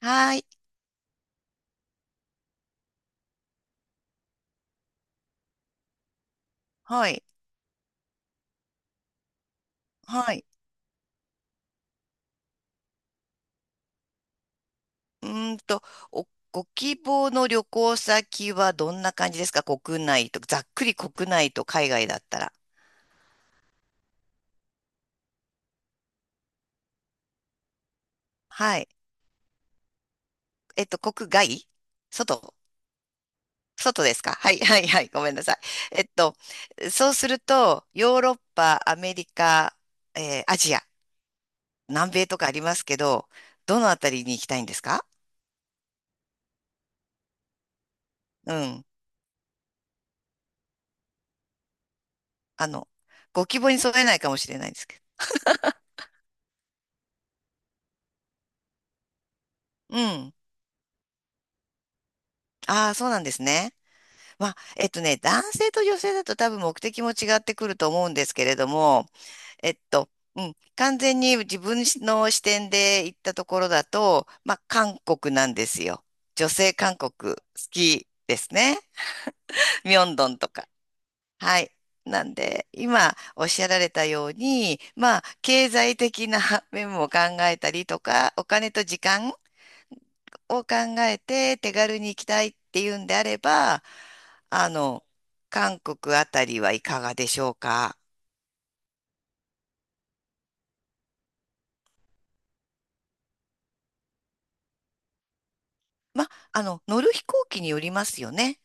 はい、はい、はい。うーんと、お、ご希望の旅行先はどんな感じですか？国内と、ざっくり国内と海外だったら。はい。国外、外、外ですか？はい、はい、はい。ごめんなさい。えっと、そうすると、ヨーロッパ、アメリカ、アジア、南米とかありますけど、どのあたりに行きたいんですか？うん。あの、ご希望に添えないかもしれないんですけど。うん。ああ、そうなんですね。まあ、男性と女性だと多分目的も違ってくると思うんですけれども、えっと、うん、完全に自分の視点で行ったところだと、まあ、韓国なんですよ。女性韓国好きですね。ミョンドンとか。はい。なんで、今おっしゃられたように、まあ、経済的な 面も考えたりとか、お金と時間を考えて手軽に行きたいっていうんであれば、あの、韓国あたりはいかがでしょうか。ま、乗る飛行機によりますよね。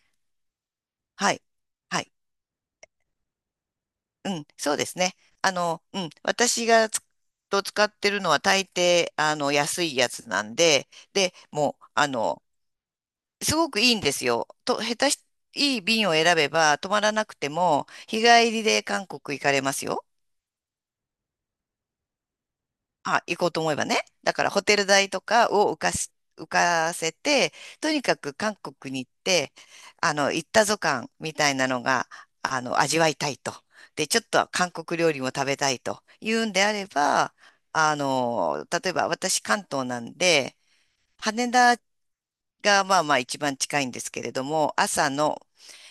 はい。はい。うん、そうですね。うん、私が使ってるのは大抵、安いやつなんで、で、もう、すごくいいんですよ。と、下手し、いい便を選べば、泊まらなくても、日帰りで韓国行かれますよ。あ、行こうと思えばね。だからホテル代とかを浮かし、浮かせて、とにかく韓国に行って、行ったぞ感みたいなのが、味わいたいと。で、ちょっと韓国料理も食べたいというんであれば、例えば私関東なんで、羽田がまあまあ一番近いんですけれども、朝の、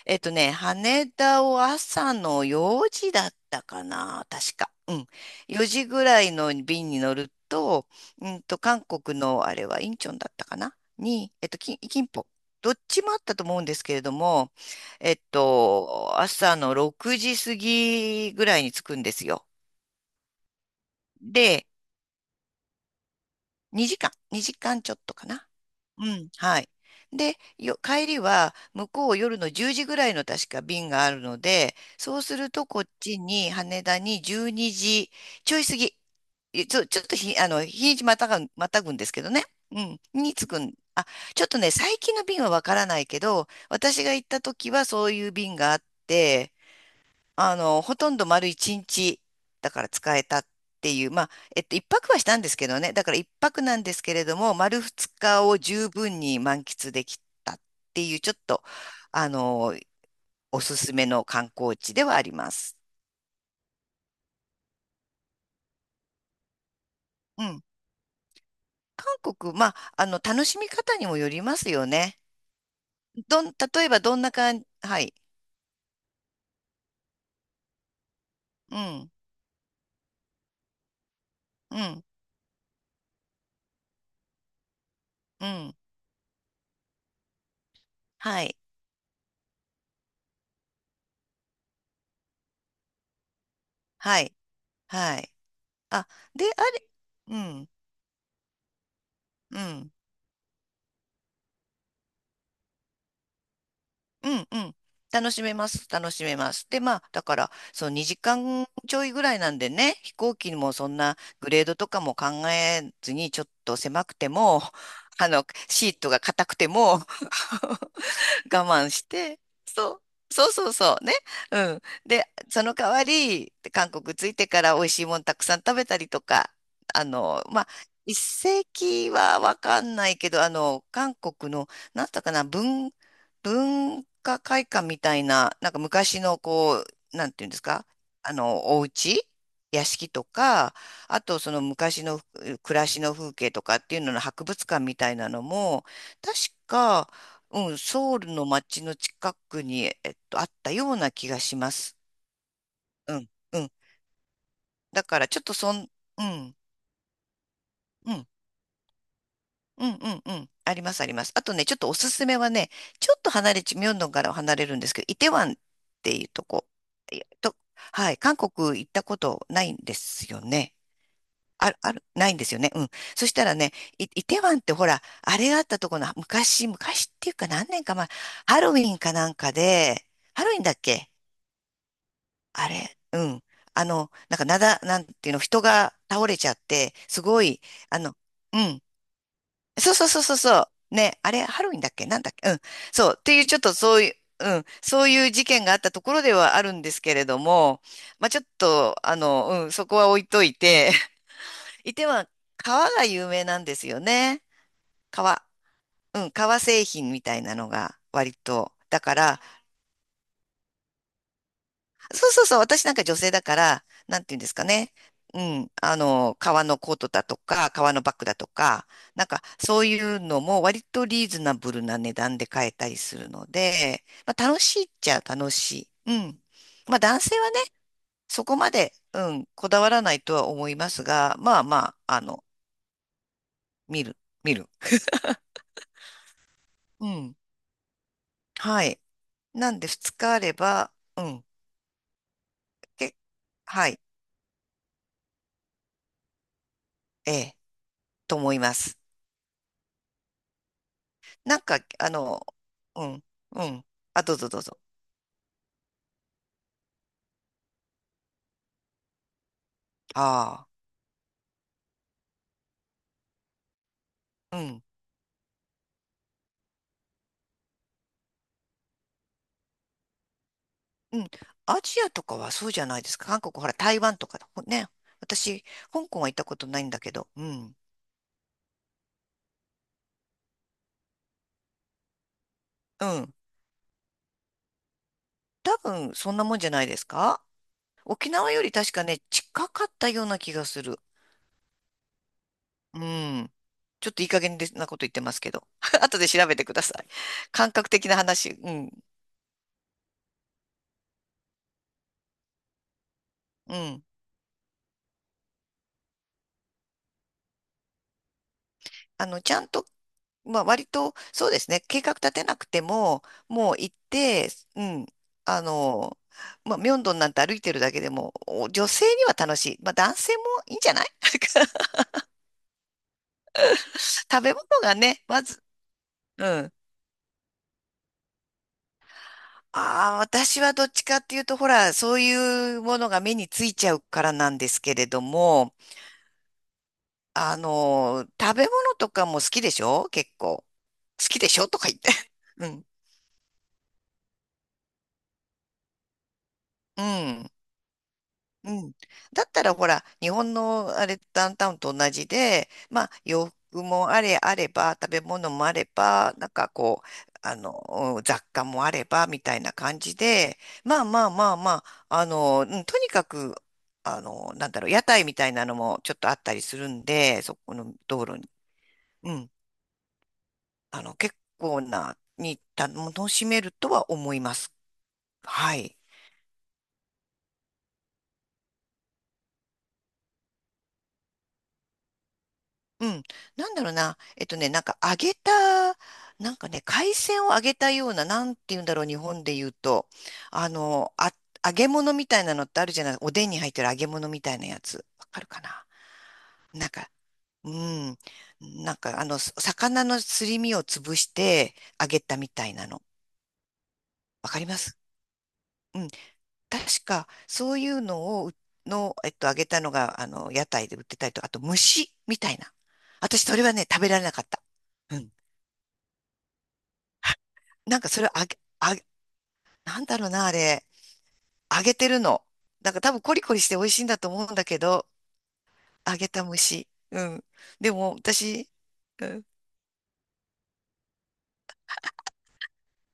羽田を朝の4時だったかな、確か。うん。4時ぐらいの便に乗ると、うんと、韓国のあれはインチョンだったかなに、キンポ。どっちもあったと思うんですけれども、朝の6時過ぎぐらいに着くんですよ。で、2時間、2時間ちょっとかな。うん、はい。で、よ、帰りは向こう夜の10時ぐらいの確か便があるので、そうするとこっちに羽田に12時ちょい過ぎ、えちょ、ちょっとひ、日にちまたが、またぐんですけどね。うん、に着くん。あ、ちょっとね、最近の便はわからないけど、私が行った時はそういう便があって、ほとんど丸一日、だから使えたっていう、まあ、一泊はしたんですけどね、だから一泊なんですけれども、丸二日を十分に満喫できたっていう、ちょっと、あの、おすすめの観光地ではあります。うん。韓国、まあ、楽しみ方にもよりますよね。どん、例えばどんな感じ？はい。うん、うん、うん。はい、はい、はい。あ、で、あれ、うん、うん。うんうん。楽しめます。楽しめます。で、まあ、だから、その2時間ちょいぐらいなんでね、飛行機もそんなグレードとかも考えずに、ちょっと狭くても、シートが硬くても、我慢して、そそうそうそう、ね。うん。で、その代わり、韓国着いてから美味しいもんたくさん食べたりとか、まあ、一世紀はわかんないけど、韓国の、なんだったかな、文、文化会館みたいな、なんか昔のこう、なんていうんですか、お家屋敷とか、あとその昔のふ暮らしの風景とかっていうのの博物館みたいなのも、確か、うん、ソウルの街の近くに、あったような気がします。うん、うん。だから、ちょっとそん、うん、うん、うん、うん、うん。あります、あります。あとね、ちょっとおすすめはね、ちょっと離れち、ミョンドンからは離れるんですけど、イテウァンっていうとこ、いと、はい、韓国行ったことないんですよね。ある、ある、ないんですよね。うん。そしたらね、イ、イテウァンってほら、あれがあったところの、昔、昔っていうか何年か前、ハロウィンかなんかで、ハロウィンだっけ？あれ、うん。なんかなだ、なんていうの、人が倒れちゃって、すごい、あの、うん。そうそうそうそうそう。ね、あれ、ハロウィンだっけ？なんだっけ？うん。そう。っていう、ちょっとそういう、うん。そういう事件があったところではあるんですけれども、まあ、ちょっと、うん、そこは置いといて、いては革が有名なんですよね。革。うん、革製品みたいなのが割と。だから、そうそうそう、私なんか女性だから、なんていうんですかね。うん、革のコートだとか、革のバッグだとか、なんかそういうのも割とリーズナブルな値段で買えたりするので、まあ楽しいっちゃ楽しい。うん。まあ男性はね、そこまで、うん、こだわらないとは思いますが、まあまあ、見る、見る。うん。はい。なんで2日あれば、うん、け、はい、ええ、と思います。なんか、うん、うん。あ、どうぞどうぞ。ああ、うん、うん。アジアとかはそうじゃないですか。韓国、ほら、台湾とかだもんね。私、香港は行ったことないんだけど、うん、うん。多分、そんなもんじゃないですか。沖縄より確かね、近かったような気がする。うん。ちょっといい加減でなこと言ってますけど。後で調べてください。感覚的な話。うん、うん。ちゃんとまあ、割と、そうですね、計画立てなくても、もう行って、うん、あの、まあ、ミョンドンなんて歩いてるだけでも、お女性には楽しい。まあ、男性もいいんじゃない？ 食べ物がね、まず、うん。ああ、私はどっちかっていうと、ほら、そういうものが目についちゃうからなんですけれども、食べ物とかも好きでしょ？結構。好きでしょとか言って。うん。うん。うん。だったらほら、日本のあれ、ダウンタウンと同じで、まあ、洋服もあれあれば、食べ物もあれば、なんかこう、うん雑貨もあれば、みたいな感じで、まあまあまあまあ、うんとにかく、なんだろう、屋台みたいなのもちょっとあったりするんで、そこの道路に、うん、結構な、に、た楽しめるとは思います。はい。うん。なんだろうな。なんか揚げた、なんかね、海鮮を揚げたような、なんて言うんだろう、日本で言うと。あ、揚げ物みたいなのってあるじゃない。おでんに入ってる揚げ物みたいなやつ。わかるかな？なんか、うん。なんか、す魚のすり身を潰して揚げたみたいなの。わかります？うん。確か、そういうのをう、の、揚げたのが、屋台で売ってたりと、あと、蒸しみたいな。私、それはね、食べられなかった。うん。なんかそれあげ、あげ、なんだろうな、あれ。揚げてるの。なんか多分コリコリして美味しいんだと思うんだけど、揚げた蒸し。うん。でも私、うん。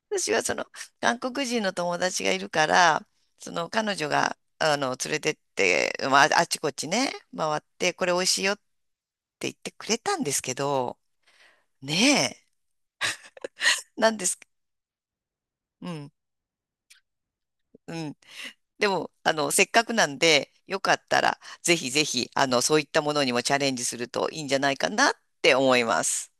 私はその韓国人の友達がいるから、その彼女が、連れてって、まあ、あちこちね、回って、これ美味しいよって言ってくれたんですけど、ねえ、なんです、うん、うん。でも、せっかくなんで、よかったら、ぜひぜひ、そういったものにもチャレンジするといいんじゃないかなって思います。